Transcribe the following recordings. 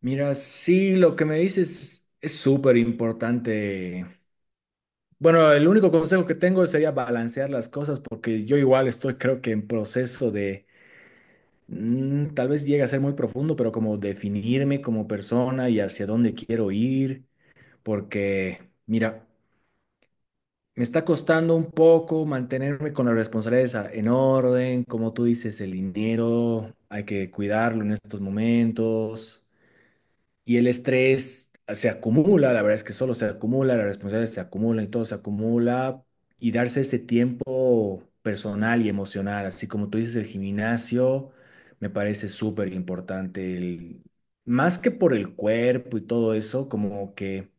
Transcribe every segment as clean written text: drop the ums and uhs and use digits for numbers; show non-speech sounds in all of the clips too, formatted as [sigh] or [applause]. Mira, sí, lo que me dices es súper importante. Bueno, el único consejo que tengo sería balancear las cosas porque yo igual estoy creo que en proceso de, tal vez llegue a ser muy profundo, pero como definirme como persona y hacia dónde quiero ir, porque mira, me está costando un poco mantenerme con las responsabilidades en orden, como tú dices, el dinero, hay que cuidarlo en estos momentos. Y el estrés se acumula, la verdad es que solo se acumula, la responsabilidad se acumula y todo se acumula, y darse ese tiempo personal y emocional, así como tú dices, el gimnasio me parece súper importante, más que por el cuerpo y todo eso, como que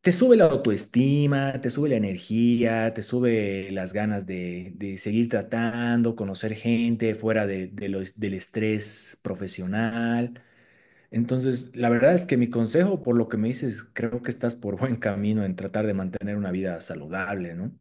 te sube la autoestima, te sube la energía, te sube las ganas de seguir tratando, conocer gente fuera de del estrés profesional. Entonces, la verdad es que mi consejo, por lo que me dices, creo que estás por buen camino en tratar de mantener una vida saludable, ¿no?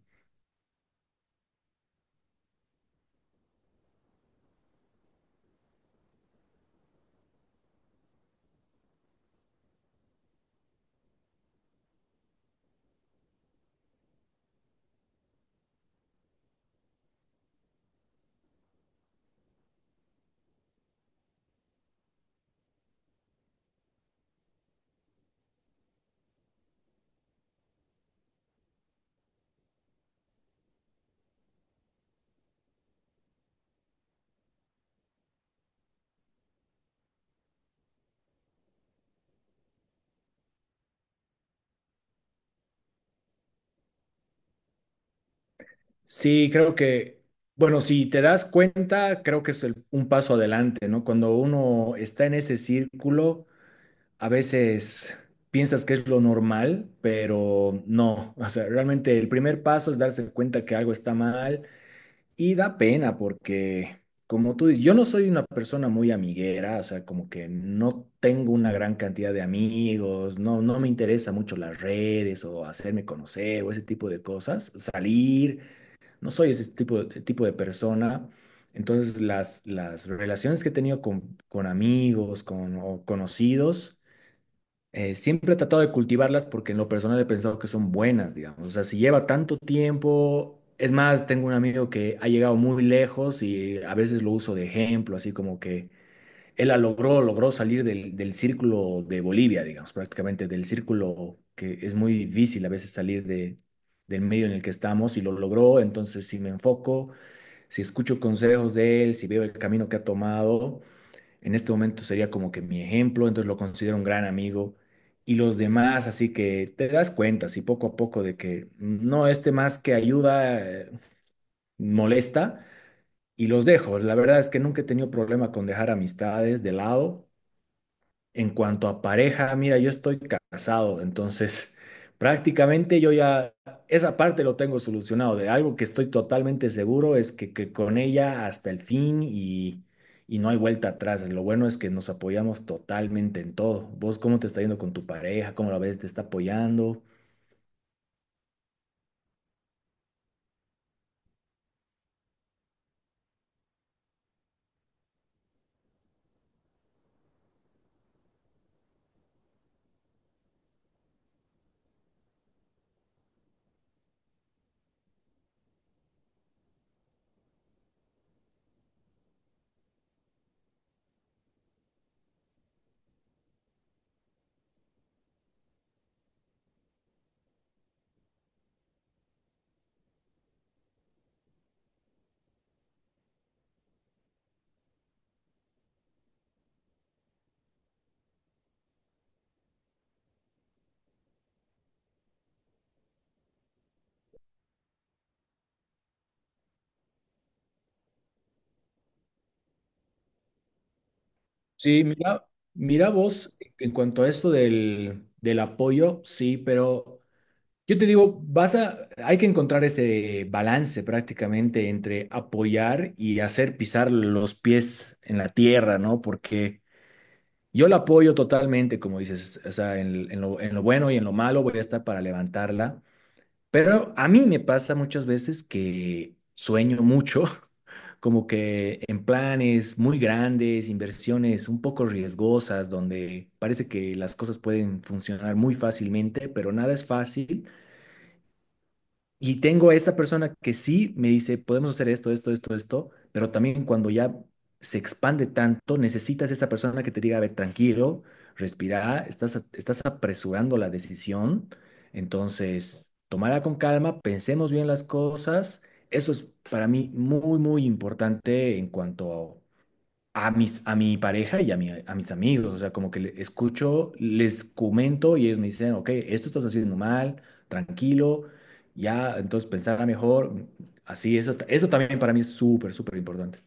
Sí, creo que, bueno, si te das cuenta, creo que es un paso adelante, ¿no? Cuando uno está en ese círculo, a veces piensas que es lo normal, pero no, o sea, realmente el primer paso es darse cuenta que algo está mal. Y da pena porque, como tú dices, yo no soy una persona muy amiguera, o sea, como que no tengo una gran cantidad de amigos, no, no me interesa mucho las redes o hacerme conocer o ese tipo de cosas, salir, no soy ese tipo de persona. Entonces, las relaciones que he tenido con amigos, con o conocidos, siempre he tratado de cultivarlas porque en lo personal he pensado que son buenas, digamos. O sea, si lleva tanto tiempo, es más, tengo un amigo que ha llegado muy lejos y a veces lo uso de ejemplo, así como que él la logró, logró salir del círculo de Bolivia, digamos, prácticamente del círculo que es muy difícil a veces salir de, del medio en el que estamos y lo logró. Entonces, si me enfoco, si escucho consejos de él, si veo el camino que ha tomado en este momento sería como que mi ejemplo, entonces lo considero un gran amigo. Y los demás, así que te das cuenta, así poco a poco, de que no, este más que ayuda, molesta, y los dejo. La verdad es que nunca he tenido problema con dejar amistades de lado, en cuanto a pareja, mira, yo estoy casado, entonces prácticamente yo ya esa parte lo tengo solucionado. De algo que estoy totalmente seguro es que con ella hasta el fin y no hay vuelta atrás. Lo bueno es que nos apoyamos totalmente en todo. ¿Vos cómo te está yendo con tu pareja? ¿Cómo la ves? ¿Te está apoyando? Sí, mira, mira vos, en cuanto a esto del apoyo, sí, pero yo te digo, hay que encontrar ese balance prácticamente entre apoyar y hacer pisar los pies en la tierra, ¿no? Porque yo la apoyo totalmente, como dices, o sea, en lo bueno y en lo malo voy a estar para levantarla. Pero a mí me pasa muchas veces que sueño mucho, [laughs] como que en planes muy grandes, inversiones un poco riesgosas, donde parece que las cosas pueden funcionar muy fácilmente, pero nada es fácil. Y tengo a esa persona que sí me dice, podemos hacer esto, esto, esto, esto, pero también cuando ya se expande tanto, necesitas esa persona que te diga, a ver, tranquilo, respira, estás apresurando la decisión, entonces, tomala con calma, pensemos bien las cosas. Eso es para mí muy, muy importante en cuanto a a mi pareja y a mis amigos, o sea, como que escucho, les comento y ellos me dicen, ok, esto estás haciendo mal, tranquilo, ya, entonces pensar mejor, así, eso, eso también para mí es súper, súper importante.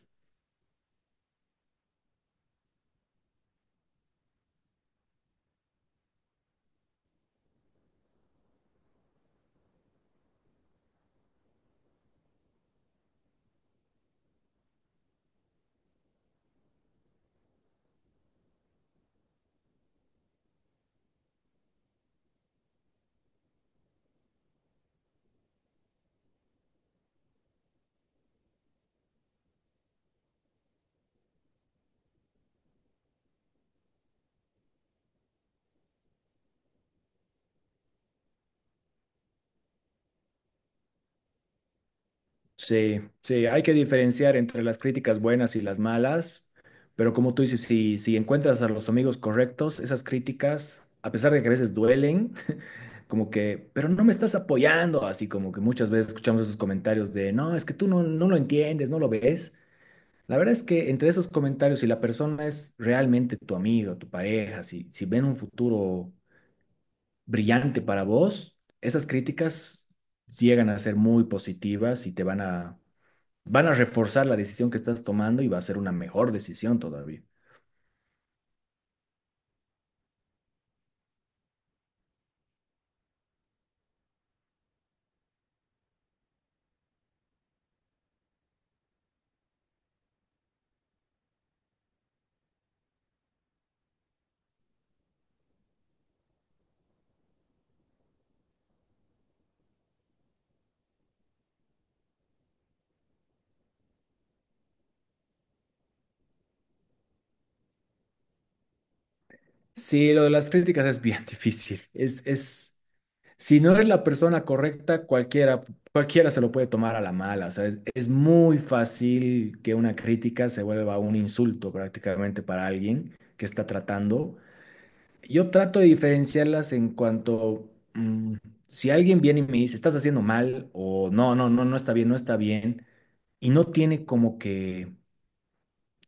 Sí, sí, hay que diferenciar entre las críticas buenas y las malas, pero como tú dices, si encuentras a los amigos correctos, esas críticas, a pesar de que a veces duelen, [laughs] como que, pero no me estás apoyando, así como que muchas veces escuchamos esos comentarios de, no, es que tú no, no lo entiendes, no lo ves. La verdad es que entre esos comentarios, si la persona es realmente tu amigo, tu pareja, si ven un futuro brillante para vos, esas críticas llegan a ser muy positivas y te van a reforzar la decisión que estás tomando y va a ser una mejor decisión todavía. Sí, lo de las críticas es bien [laughs] difícil. Es, si no es la persona correcta, cualquiera se lo puede tomar a la mala. O sea, es muy fácil que una crítica se vuelva un insulto prácticamente para alguien que está tratando. Yo trato de diferenciarlas en cuanto, si alguien viene y me dice, estás haciendo mal o no, no está bien, no está bien, y no tiene como que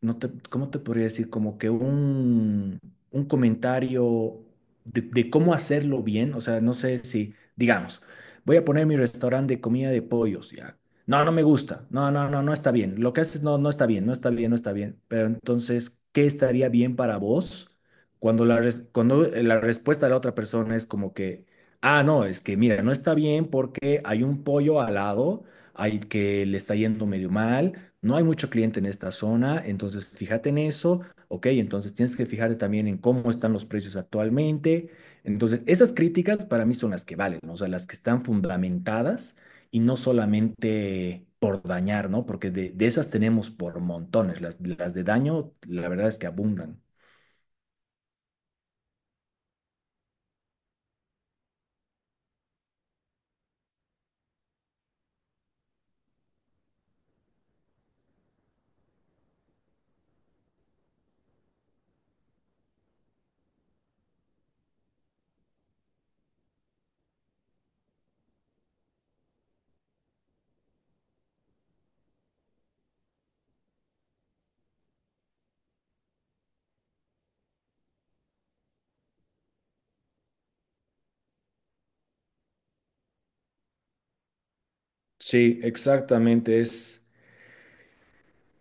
no te, ¿cómo te podría decir? Como que un comentario de cómo hacerlo bien. O sea, no sé si, digamos, voy a poner mi restaurante de comida de pollos, ya. No, no me gusta. No está bien. Lo que haces no, no está bien, no está bien, no está bien. Pero entonces, ¿qué estaría bien para vos cuando la respuesta de la otra persona es como que, ah, no, es que mira, no está bien porque hay un pollo al lado, hay que le está yendo medio mal, no hay mucho cliente en esta zona, entonces fíjate en eso, ok, entonces tienes que fijarte también en cómo están los precios actualmente. Entonces, esas críticas para mí son las que valen, ¿no? O sea, las que están fundamentadas y no solamente por dañar, ¿no? Porque de esas tenemos por montones, las de daño, la verdad es que abundan. Sí, exactamente. Es,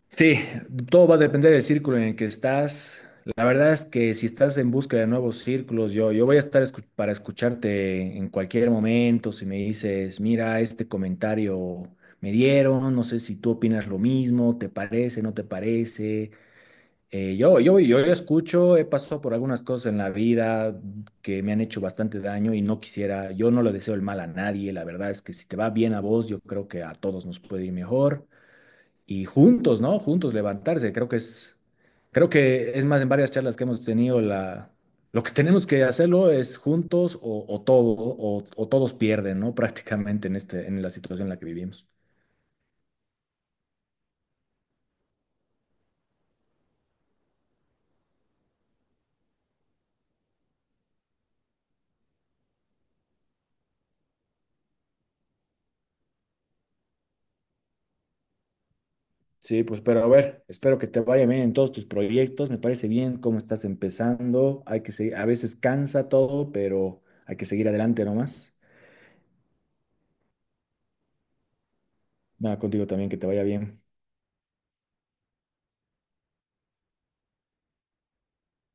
sí, todo va a depender del círculo en el que estás. La verdad es que si estás en busca de nuevos círculos, yo voy a estar para escucharte en cualquier momento. Si me dices, mira, este comentario me dieron, no sé si tú opinas lo mismo, te parece, no te parece. Yo escucho, he pasado por algunas cosas en la vida que me han hecho bastante daño y no quisiera, yo no le deseo el mal a nadie. La verdad es que si te va bien a vos, yo creo que a todos nos puede ir mejor y juntos, ¿no? Juntos levantarse. Creo que es más en varias charlas que hemos tenido lo que tenemos que hacerlo es juntos o todo o todos pierden, ¿no? [laughs] Prácticamente en este, en la situación en la que vivimos. Sí, pues, pero a ver, espero que te vaya bien en todos tus proyectos. Me parece bien cómo estás empezando. Hay que seguir, a veces cansa todo, pero hay que seguir adelante nomás. Nada, contigo también, que te vaya bien.